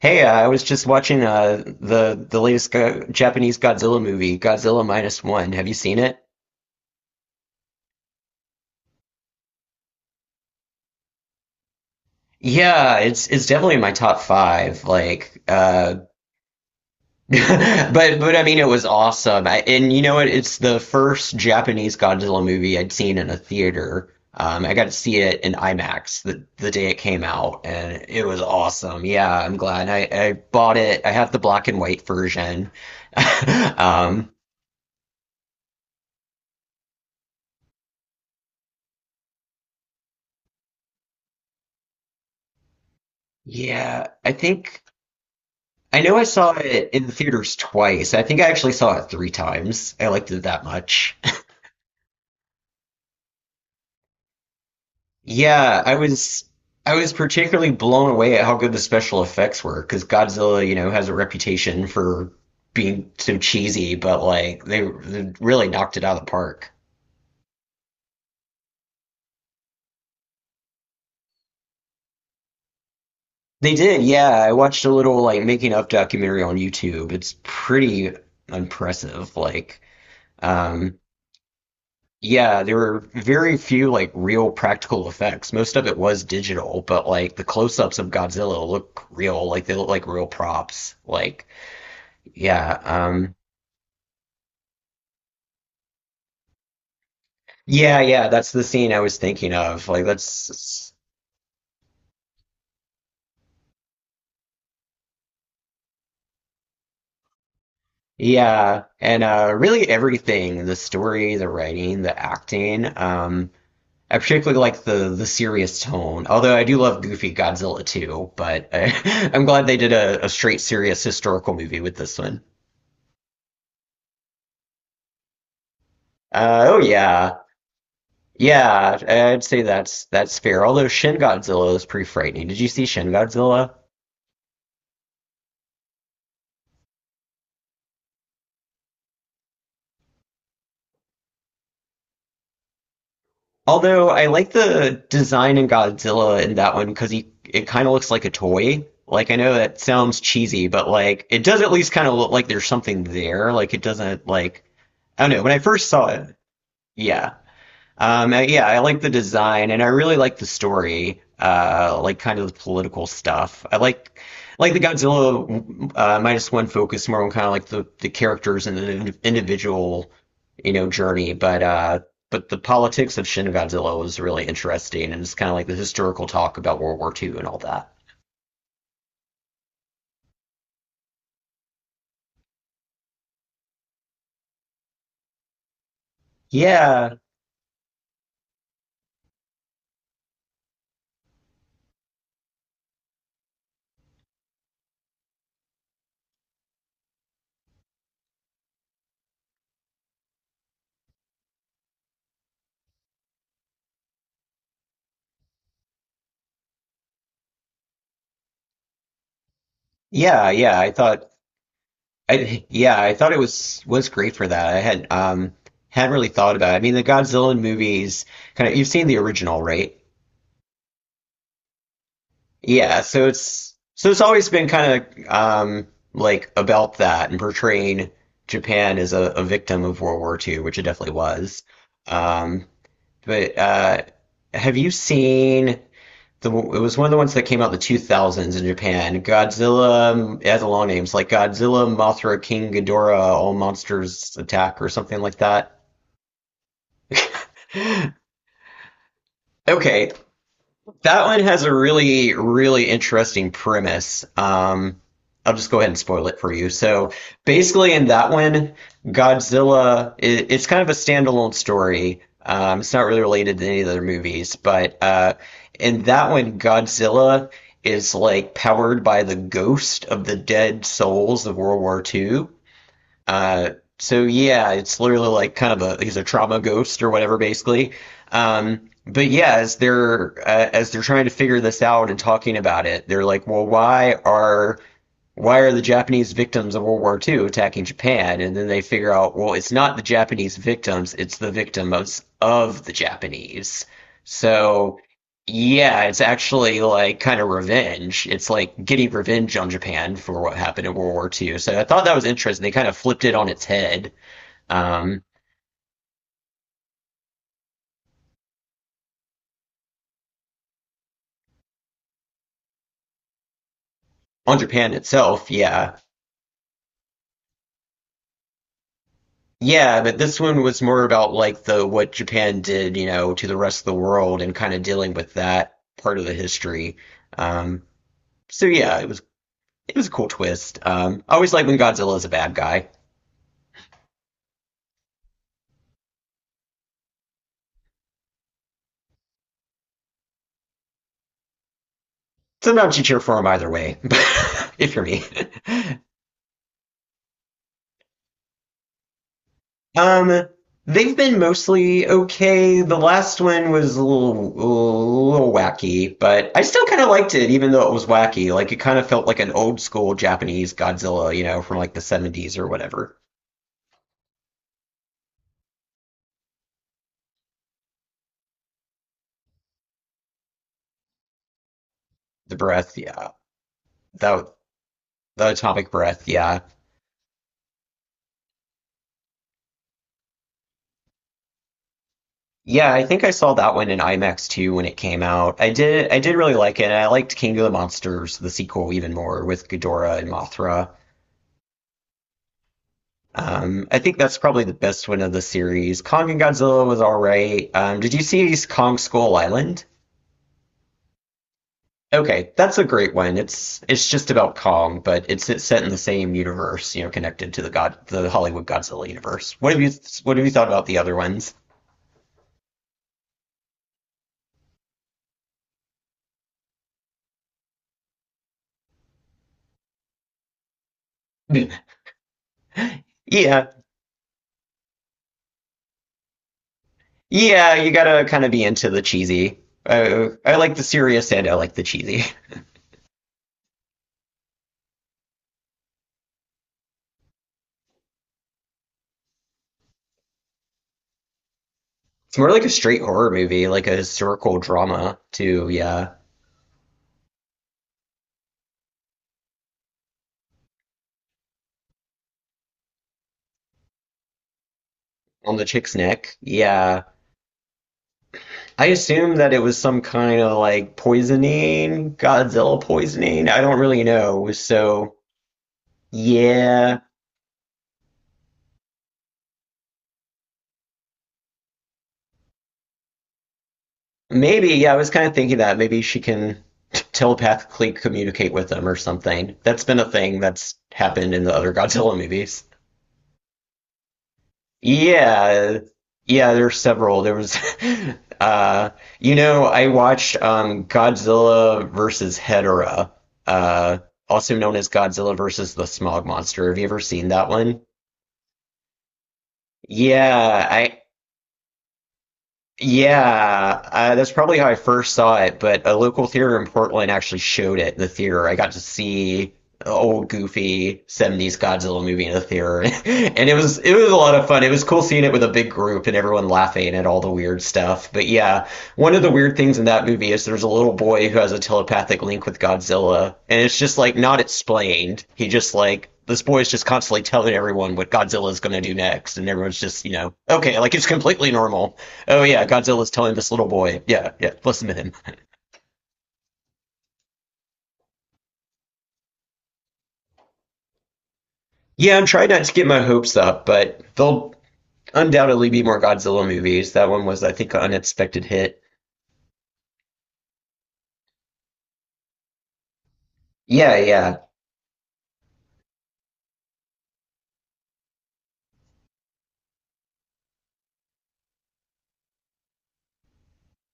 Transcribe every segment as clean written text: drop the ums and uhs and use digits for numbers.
Hey, I was just watching the latest go Japanese Godzilla movie, Godzilla Minus One. Have you seen it? Yeah, it's definitely in my top five. Like, but I mean, it was awesome. And you know what? It's the first Japanese Godzilla movie I'd seen in a theater. I got to see it in IMAX the day it came out, and it was awesome. Yeah, I'm glad I bought it. I have the black and white version. Um, yeah, I think. I know I saw it in the theaters twice. I think I actually saw it three times. I liked it that much. Yeah, I was particularly blown away at how good the special effects were because Godzilla, has a reputation for being so cheesy, but like they really knocked it out of the park. They did, yeah. I watched a little like making of documentary on YouTube. It's pretty impressive. Like, um, yeah, there were very few like real practical effects. Most of it was digital, but like the close-ups of Godzilla look real, like they look like real props. Like, yeah, yeah, yeah, that's the scene I was thinking of. Like that's Yeah, and really everything, the story, the writing, the acting. I particularly like the serious tone. Although I do love goofy Godzilla too, but I'm glad they did a straight serious historical movie with this one. Oh yeah. Yeah, I'd say that's fair. Although Shin Godzilla is pretty frightening. Did you see Shin Godzilla? Although I like the design in Godzilla in that one because he it kind of looks like a toy. Like I know that sounds cheesy, but like it does at least kind of look like there's something there. Like it doesn't, like, I don't know. When I first saw it, yeah. Yeah, I like the design and I really like the story, like kind of the political stuff. I like the Godzilla minus one focus more on kind of like the characters and the individual, journey. But the politics of Shin Godzilla was really interesting and it's kind of like the historical talk about World War II and all that. Yeah, yeah, yeah. I thought I yeah, I thought it was great for that. I hadn't really thought about it. I mean, the Godzilla movies kind of, you've seen the original, right? Yeah, so it's always been kind of like about that and portraying Japan as a victim of World War II, which it definitely was. Um, but have you seen? It was one of the ones that came out in the 2000s in Japan. Godzilla, it has a long name. It's like Godzilla, Mothra, King Ghidorah, All Monsters Attack or something like that. Okay. That one has a really, really interesting premise. I'll just go ahead and spoil it for you. So basically, in that one, Godzilla, it's kind of a standalone story. It's not really related to any of the other movies, but in that one, Godzilla is like powered by the ghost of the dead souls of World War II. Uh, so yeah, it's literally like kind of a he's a trauma ghost or whatever, basically. But yeah, as they're trying to figure this out and talking about it, they're like, well, why are the Japanese victims of World War II attacking Japan? And then they figure out, well, it's not the Japanese victims, it's the victims of the Japanese. So, yeah, it's actually like kind of revenge. It's like getting revenge on Japan for what happened in World War II. So I thought that was interesting. They kind of flipped it on its head. Um, on Japan itself, yeah. Yeah, but this one was more about like the what Japan did, to the rest of the world and kind of dealing with that part of the history. Um, So yeah, it was a cool twist. I always like when Godzilla is a bad guy. Sometimes you cheer for him either way, if you're me. Um, they've been mostly okay. The last one was a little wacky, but I still kind of liked it, even though it was wacky. Like it kind of felt like an old school Japanese Godzilla, from like the 70s or whatever. The breath, yeah. That, the atomic breath, yeah. Yeah, I think I saw that one in IMAX too when it came out. I did really like it. And I liked King of the Monsters, the sequel, even more with Ghidorah and Mothra. I think that's probably the best one of the series. Kong and Godzilla was all right. Did you see Kong Skull Island? Okay, that's a great one. It's just about Kong, but it's set in the same universe, connected to the Hollywood Godzilla universe. What have you thought about the other ones? Yeah, yeah, you gotta kind of be into the cheesy. I like the serious and I like the cheesy. It's more like a straight horror movie, like a historical drama, too. Yeah. On the chick's neck. Yeah. I assume that it was some kind of like poisoning, Godzilla poisoning. I don't really know. So, yeah. Maybe, yeah, I was kind of thinking that. Maybe she can telepathically communicate with them or something. That's been a thing that's happened in the other Godzilla movies. Yeah, yeah, there's several. Uh, I watched Godzilla versus Hedorah, uh, also known as Godzilla versus the Smog Monster. Have you ever seen that one? Yeah, that's probably how I first saw it, but a local theater in Portland actually showed it in the theater. I got to see the old goofy 70s Godzilla movie in the theater. And it was a lot of fun. It was cool seeing it with a big group and everyone laughing at all the weird stuff. But yeah, one of the weird things in that movie is there's a little boy who has a telepathic link with Godzilla, and it's just like not explained. He just like this boy is just constantly telling everyone what Godzilla's gonna do next, and everyone's just, okay, like it's completely normal. Oh yeah, Godzilla's telling this little boy. Yeah, yeah, listen to him. Yeah, I'm trying not to get my hopes up, but there'll undoubtedly be more Godzilla movies. That one was, I think, an unexpected hit. Yeah, yeah.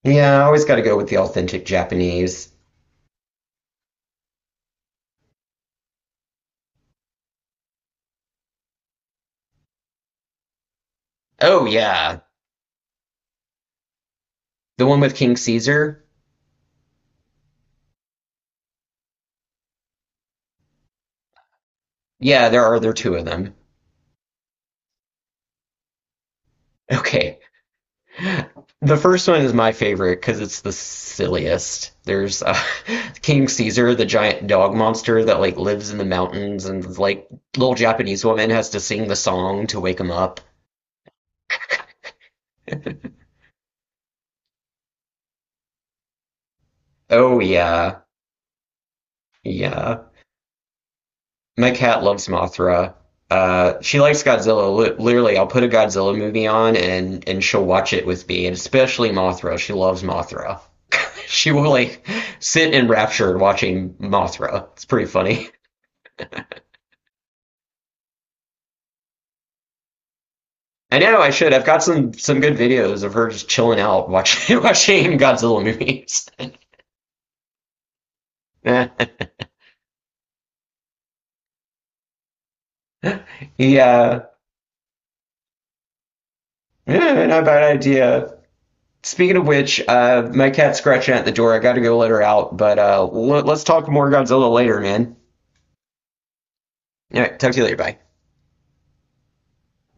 Yeah, I always gotta go with the authentic Japanese. Oh yeah. The one with King Caesar? Yeah, there are two of them. Okay. The first one is my favorite because it's the silliest. There's King Caesar, the giant dog monster that like lives in the mountains, and like little Japanese woman has to sing the song to wake him up. Oh yeah, yeah. My cat loves Mothra. She likes Godzilla. Literally, I'll put a Godzilla movie on and she'll watch it with me, and especially Mothra. She loves Mothra. She will like sit enraptured watching Mothra. It's pretty funny. I know I should. I've got some good videos of her just chilling out watching watching Godzilla movies. Yeah, yeah, not a bad idea. Speaking of which, my cat's scratching at the door. I got to go let her out, but let's talk more Godzilla later, man. All right, talk to you later. Bye.